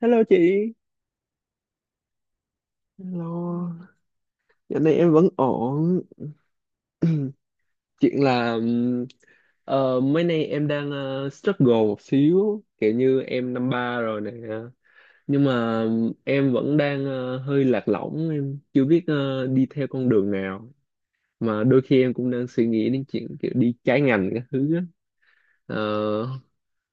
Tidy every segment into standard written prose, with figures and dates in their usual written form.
Hello chị. Hello. Dạo này em vẫn ổn. Chuyện là mấy nay em đang struggle một xíu, kiểu như em năm ba rồi nè. Nhưng mà em vẫn đang hơi lạc lõng, em chưa biết đi theo con đường nào. Mà đôi khi em cũng đang suy nghĩ đến chuyện kiểu đi trái ngành các thứ á. Ờ,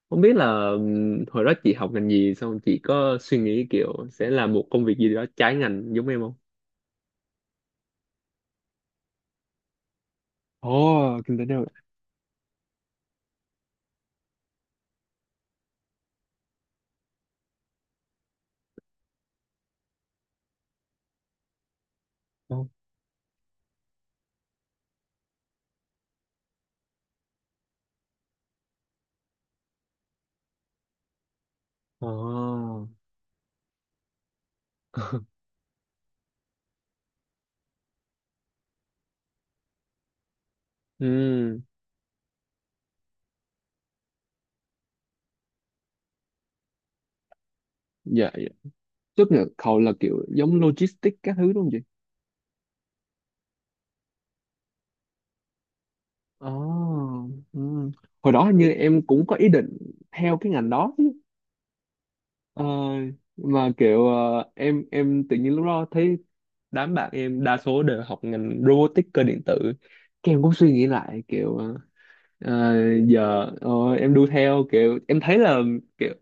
không biết là hồi đó chị học ngành gì xong chị có suy nghĩ kiểu sẽ làm một công việc gì đó trái ngành giống em không? Ồ, kinh tế đâu. Ồ, ừ, dạ, dạ. Tức là cậu là kiểu giống logistics các thứ đúng không chị? Ồ, ừ. Hồi đó hình như em cũng có ý định theo cái ngành đó chứ. Ờ, mà kiểu em tự nhiên lúc đó thấy đám bạn em đa số đều học ngành robotics cơ điện tử. Cái em cũng suy nghĩ lại kiểu ờ, giờ ờ, em đu theo kiểu em thấy là kiểu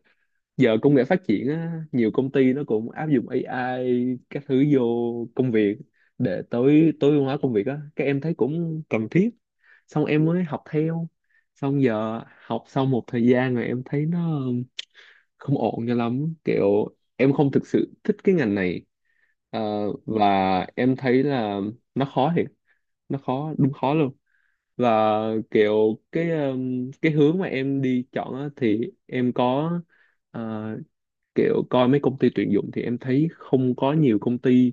giờ công nghệ phát triển á, nhiều công ty nó cũng áp dụng AI các thứ vô công việc để tối tối ưu hóa công việc á các em thấy cũng cần thiết xong em mới học theo xong giờ học sau một thời gian rồi em thấy nó không ổn cho lắm kiểu em không thực sự thích cái ngành này. Ờ, và em thấy là nó khó thiệt, nó khó đúng khó luôn, và kiểu cái hướng mà em đi chọn á, thì em có ờ, kiểu coi mấy công ty tuyển dụng thì em thấy không có nhiều công ty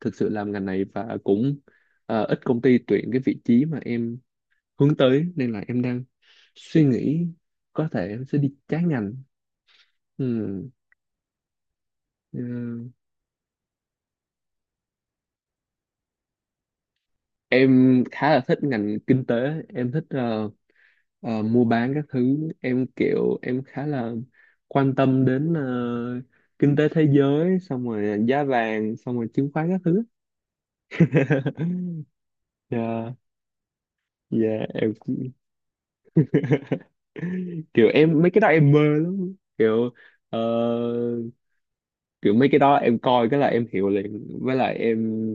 thực sự làm ngành này và cũng ít công ty tuyển cái vị trí mà em hướng tới nên là em đang suy nghĩ có thể em sẽ đi trái ngành. Ừ. Ừ. Em khá là thích ngành kinh tế, em thích mua bán các thứ, em kiểu em khá là quan tâm đến kinh tế thế giới xong rồi giá vàng xong rồi chứng khoán các thứ. Yeah, yeah, em kiểu em mấy cái đó em mơ lắm, kiểu ờ, kiểu mấy cái đó em coi cái là em hiểu liền, với lại em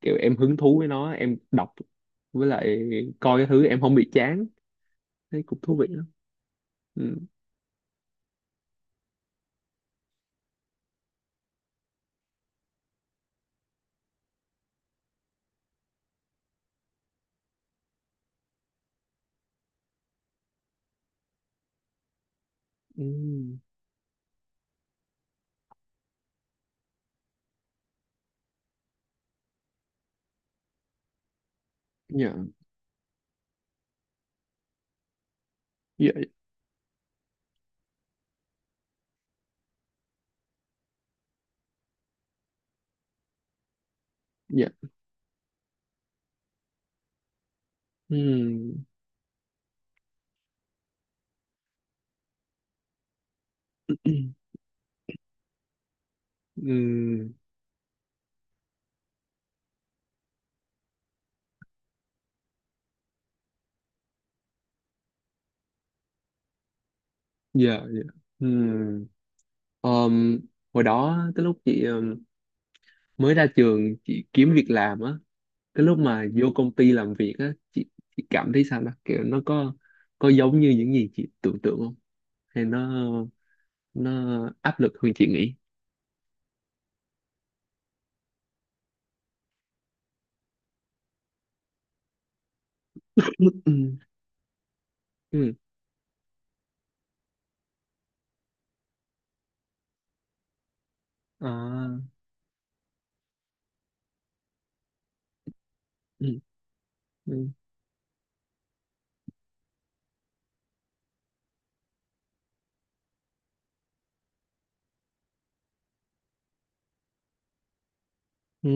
kiểu em hứng thú với nó em đọc, với lại coi cái thứ em không bị chán, thấy cũng thú vị lắm. Ừ. Ừ. Dạ dạ dạ. Ừ. Ừ. Dạ dạ. Ừ. Ờm, hồi đó cái lúc chị mới ra trường chị kiếm việc làm á, cái lúc mà vô công ty làm việc á chị cảm thấy sao đó kiểu nó có giống như những gì chị tưởng tượng không, hay nó áp lực hơn chị nghĩ? Ừ. Ừ. À. Ừ. Ừ. Ừ.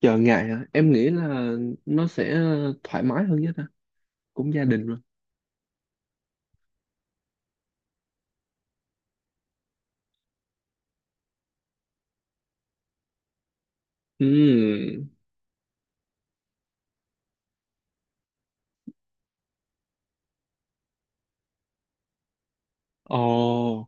Chờ ngại hả, em nghĩ là nó sẽ thoải mái hơn nhất á, cũng gia đình rồi. Ừ. Ồ.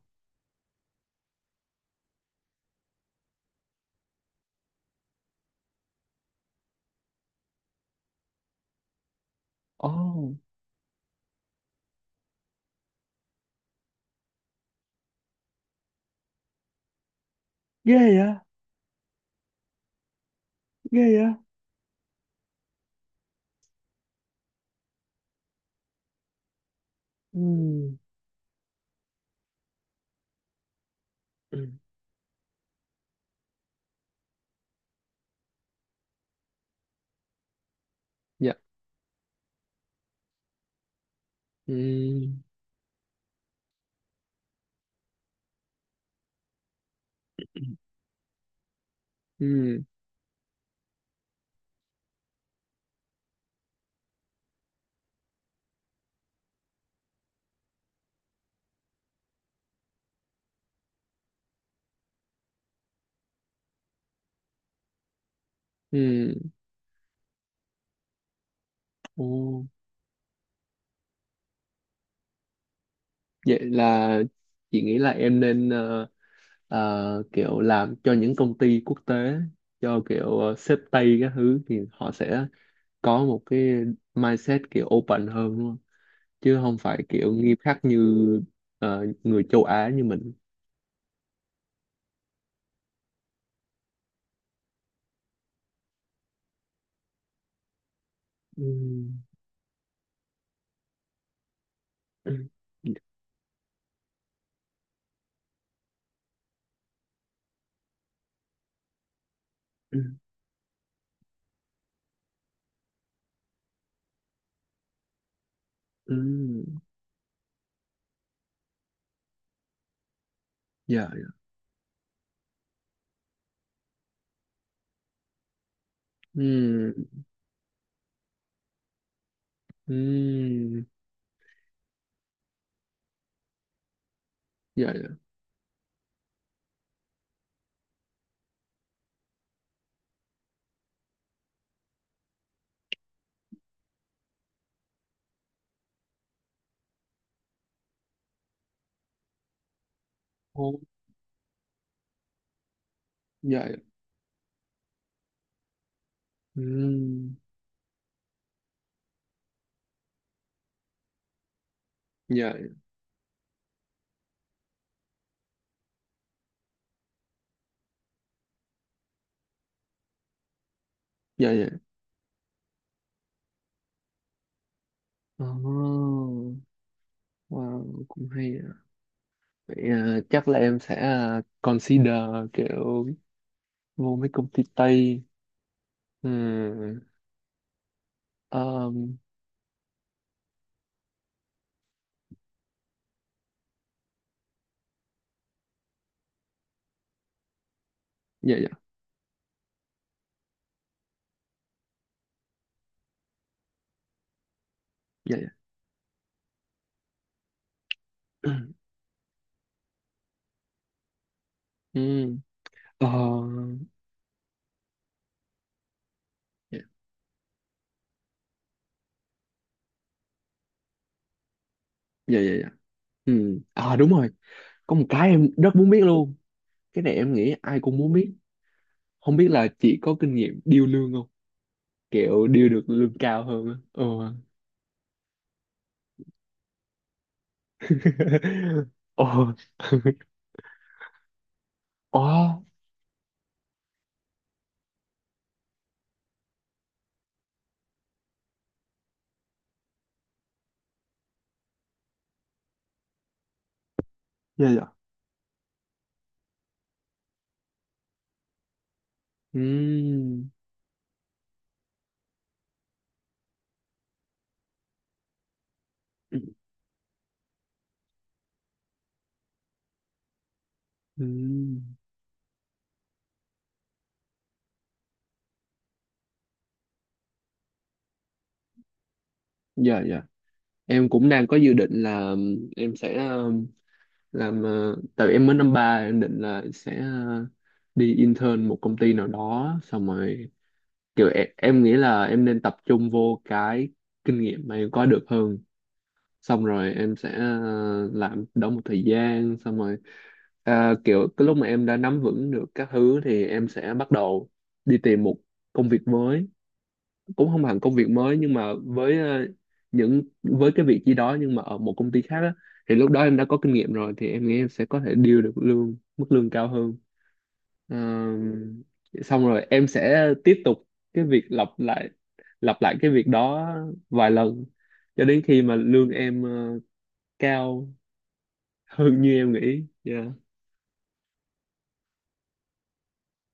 Ồ, ghê vậy. Ghê vậy. Ừ. Ừ. Dạ. Ừ. Ừ. Ừ. Ồ. Vậy là chị nghĩ là em nên kiểu làm cho những công ty quốc tế, cho kiểu sếp Tây các thứ thì họ sẽ có một cái mindset kiểu open hơn đúng không? Chứ không phải kiểu nghiêm khắc như người châu Á như mình. Ừm. Ừm. Ừm. Ừm. Dạ, dạ. Ừm. Ừm. Dạ. Ồ. Dạ, dạ. Ừm. Dạ. Dạ. Dạ, dạ. Ồ. Wow, cũng hay. Vậy, chắc là em sẽ consider kiểu vô mấy công ty Tây. Ừ. um, dạ dạ dạ dạ. Ừ. ờ, dạ dạ dạ dạ. Ừ. À đúng rồi, có một cái em rất muốn biết luôn, cái này em nghĩ ai cũng muốn biết, không biết là chị có kinh nghiệm điêu lương không, kiểu điêu được lương cao hơn á. Ừ. Ồ. Ồ. Dạ dạ. Ừ. Ừ. Ừ. Dạ dạ. Em cũng đang có dự định là em sẽ làm tại vì em mới năm ba em định là sẽ uh, đi intern một công ty nào đó xong rồi kiểu em nghĩ là em nên tập trung vô cái kinh nghiệm mà em có được hơn, xong rồi em sẽ làm đó một thời gian xong rồi à, kiểu cái lúc mà em đã nắm vững được các thứ thì em sẽ bắt đầu đi tìm một công việc mới, cũng không hẳn công việc mới nhưng mà với những với cái vị trí đó nhưng mà ở một công ty khác á, thì lúc đó em đã có kinh nghiệm rồi thì em nghĩ em sẽ có thể deal được lương mức lương cao hơn. Ờ, xong rồi em sẽ tiếp tục cái việc lặp lại, lặp lại cái việc đó vài lần cho đến khi mà lương em cao hơn như em nghĩ. Yeah.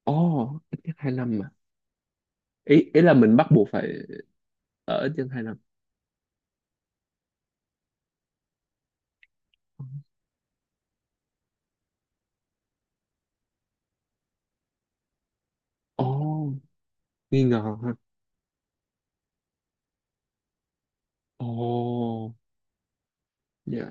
Ồ, ít nhất hai năm mà ý ý là mình bắt buộc phải ở trên hai năm. Ồ, nghi ngờ ha. Ồ. Dạ.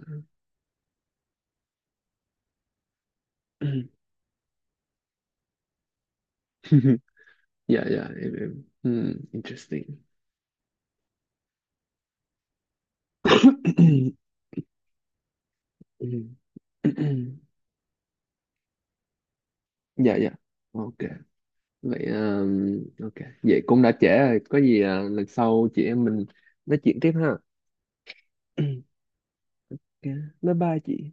Dạ dạ, em hmm, interesting. Dạ dạ. Ok. Vậy ok. Vậy cũng đã trễ rồi, có gì à, lần sau chị em mình nói chuyện tiếp ha. Ok. Bye bye chị.